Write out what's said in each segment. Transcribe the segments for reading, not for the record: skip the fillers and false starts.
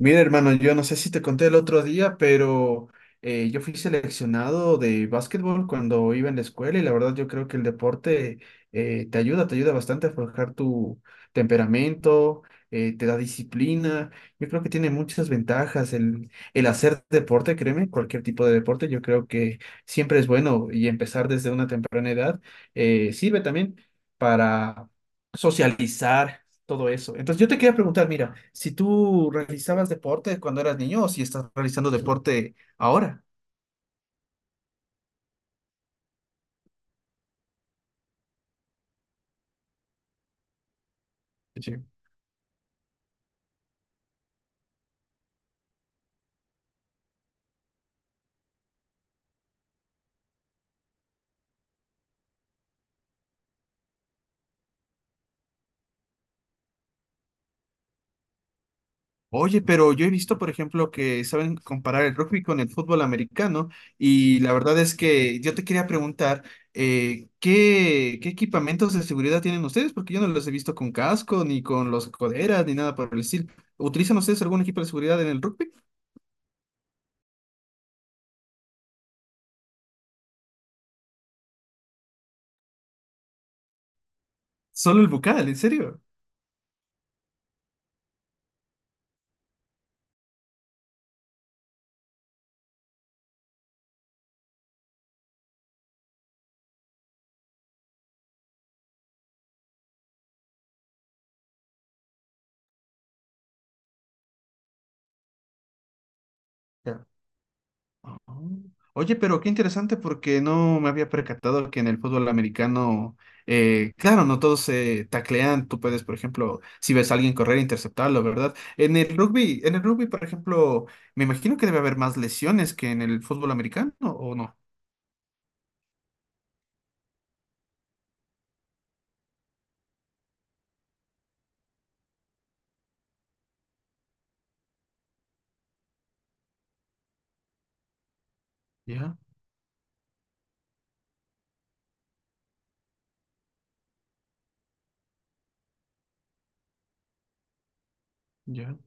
Mira, hermano, yo no sé si te conté el otro día, pero yo fui seleccionado de básquetbol cuando iba en la escuela y la verdad yo creo que el deporte te ayuda bastante a forjar tu temperamento, te da disciplina. Yo creo que tiene muchas ventajas el hacer deporte, créeme, cualquier tipo de deporte, yo creo que siempre es bueno y empezar desde una temprana edad sirve también para socializar todo eso. Entonces yo te quería preguntar, mira, si tú realizabas deporte cuando eras niño o si estás realizando deporte ahora. Sí. Oye, pero yo he visto, por ejemplo, que saben comparar el rugby con el fútbol americano y la verdad es que yo te quería preguntar, ¿qué, qué equipamientos de seguridad tienen ustedes? Porque yo no los he visto con casco, ni con los coderas, ni nada por el estilo. ¿Utilizan ustedes algún equipo de seguridad en el rugby? Solo el bucal, ¿en serio? Ah. Oye, pero qué interesante porque no me había percatado que en el fútbol americano, claro, no todos se taclean. Tú puedes, por ejemplo, si ves a alguien correr, interceptarlo, ¿verdad? En el rugby, por ejemplo, me imagino que debe haber más lesiones que en el fútbol americano, ¿o no? Ya, ya.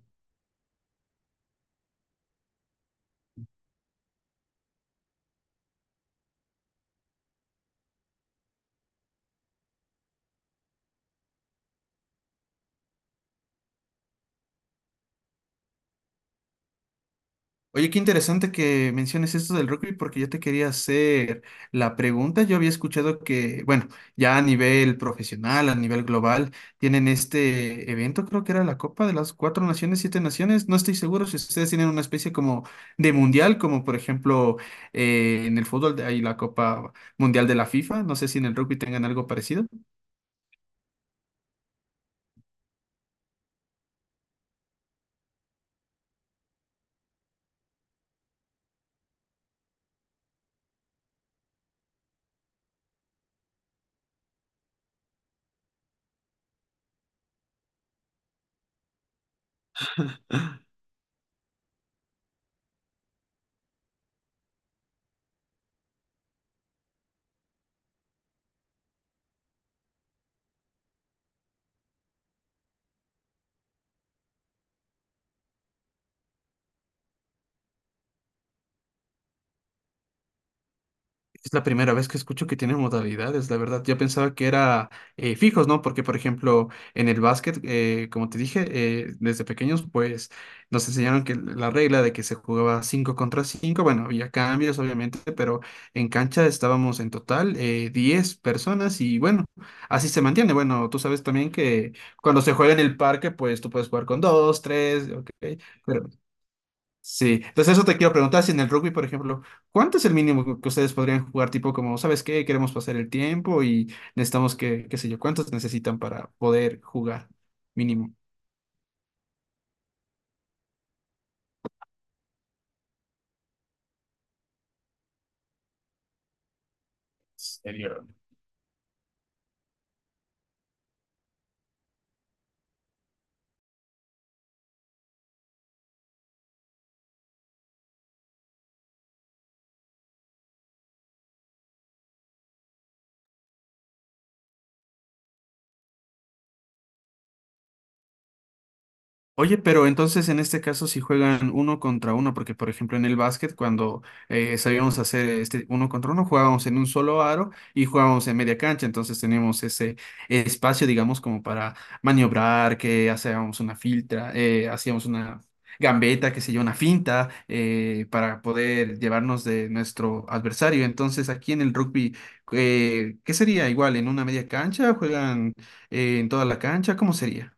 Oye, qué interesante que menciones esto del rugby porque yo te quería hacer la pregunta. Yo había escuchado que, bueno, ya a nivel profesional, a nivel global, tienen este evento, creo que era la Copa de las Cuatro Naciones, Siete Naciones. No estoy seguro si ustedes tienen una especie como de mundial, como por ejemplo en el fútbol hay la Copa Mundial de la FIFA. No sé si en el rugby tengan algo parecido. Es la primera vez que escucho que tiene modalidades, la verdad. Yo pensaba que era fijos, ¿no? Porque, por ejemplo, en el básquet, como te dije, desde pequeños, pues nos enseñaron que la regla de que se jugaba 5 contra 5 bueno, había cambios, obviamente, pero en cancha estábamos en total 10 personas y bueno, así se mantiene. Bueno, tú sabes también que cuando se juega en el parque, pues tú puedes jugar con 2 3 ok, pero sí, entonces eso te quiero preguntar si en el rugby, por ejemplo, ¿cuánto es el mínimo que ustedes podrían jugar? Tipo como, ¿sabes qué? Queremos pasar el tiempo y necesitamos que, qué sé yo, ¿cuántos necesitan para poder jugar mínimo? Oye, pero entonces en este caso si juegan uno contra uno, porque por ejemplo en el básquet cuando sabíamos hacer este uno contra uno, jugábamos en un solo aro y jugábamos en media cancha, entonces teníamos ese espacio, digamos, como para maniobrar, que hacíamos una filtra, hacíamos una gambeta, qué sé yo, una finta, para poder llevarnos de nuestro adversario. Entonces aquí en el rugby, ¿qué sería igual? ¿En una media cancha? ¿Juegan en toda la cancha? ¿Cómo sería?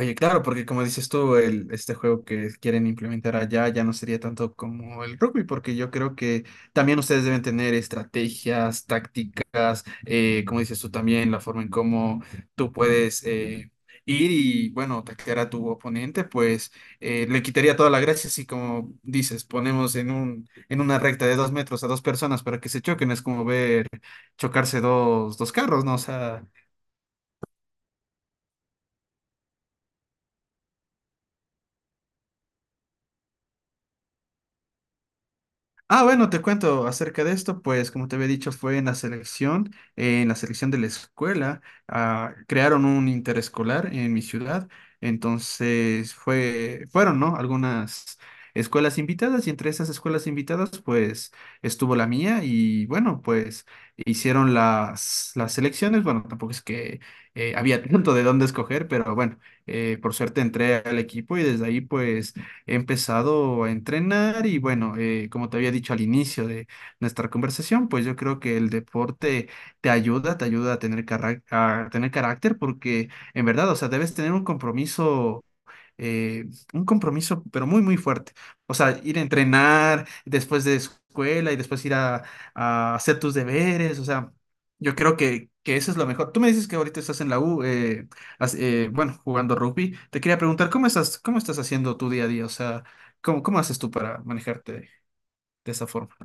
Oye, claro, porque como dices tú, el, este juego que quieren implementar allá ya no sería tanto como el rugby, porque yo creo que también ustedes deben tener estrategias, tácticas, como dices tú también, la forma en cómo tú puedes ir y, bueno, atacar a tu oponente, pues le quitaría toda la gracia si, como dices, ponemos en un, en una recta de dos metros a dos personas para que se choquen, es como ver chocarse dos, dos carros, ¿no? O sea... Ah, bueno, te cuento acerca de esto, pues como te había dicho, fue en la selección de la escuela, ah, crearon un interescolar en mi ciudad, entonces fue, fueron, ¿no? Algunas escuelas invitadas y entre esas escuelas invitadas, pues estuvo la mía y bueno, pues hicieron las selecciones, bueno, tampoco es que había tanto de dónde escoger, pero bueno, por suerte entré al equipo y desde ahí, pues he empezado a entrenar y bueno, como te había dicho al inicio de nuestra conversación, pues yo creo que el deporte te ayuda a tener, a tener carácter porque en verdad, o sea, debes tener eh, un compromiso, pero muy, muy fuerte. O sea, ir a entrenar después de escuela y después ir a hacer tus deberes. O sea, yo creo que eso es lo mejor. Tú me dices que ahorita estás en la U, bueno, jugando rugby. Te quería preguntar, cómo estás haciendo tu día a día? O sea, ¿cómo, cómo haces tú para manejarte de esa forma?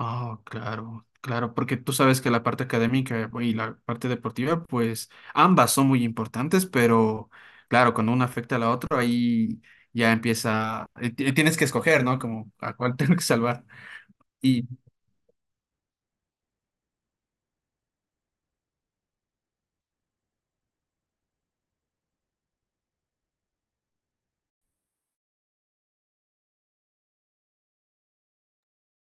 Ah, claro, claro, porque tú sabes que la parte académica y la parte deportiva, pues ambas son muy importantes, pero claro, cuando una afecta a la otra, ahí ya empieza, tienes que escoger, ¿no? Como a cuál tengo que salvar.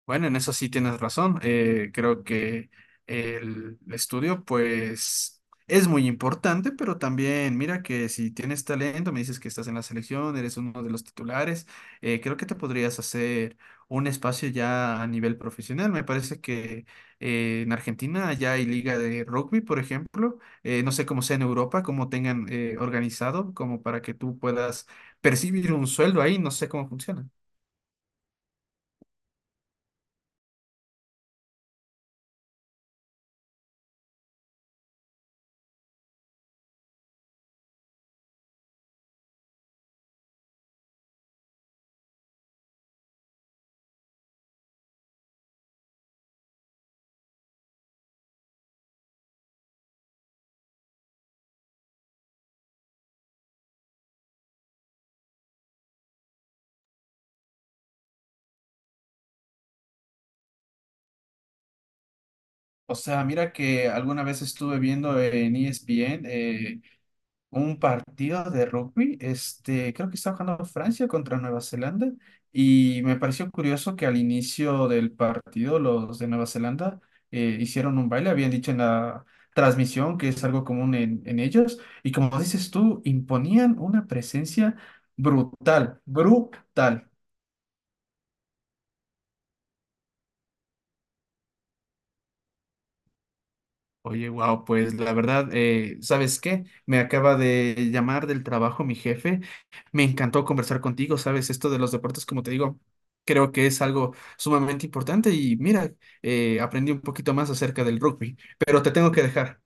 Bueno, en eso sí tienes razón. Creo que el estudio, pues, es muy importante, pero también mira que si tienes talento, me dices que estás en la selección, eres uno de los titulares, creo que te podrías hacer un espacio ya a nivel profesional. Me parece que en Argentina ya hay liga de rugby, por ejemplo. No sé cómo sea en Europa, cómo tengan organizado, como para que tú puedas percibir un sueldo ahí. No sé cómo funciona. O sea, mira que alguna vez estuve viendo en ESPN un partido de rugby, este, creo que estaba jugando Francia contra Nueva Zelanda, y me pareció curioso que al inicio del partido los de Nueva Zelanda hicieron un baile, habían dicho en la transmisión que es algo común en ellos, y como dices tú, imponían una presencia brutal, brutal. Oye, wow, pues la verdad, ¿sabes qué? Me acaba de llamar del trabajo mi jefe. Me encantó conversar contigo, ¿sabes? Esto de los deportes, como te digo, creo que es algo sumamente importante y mira, aprendí un poquito más acerca del rugby, pero te tengo que dejar.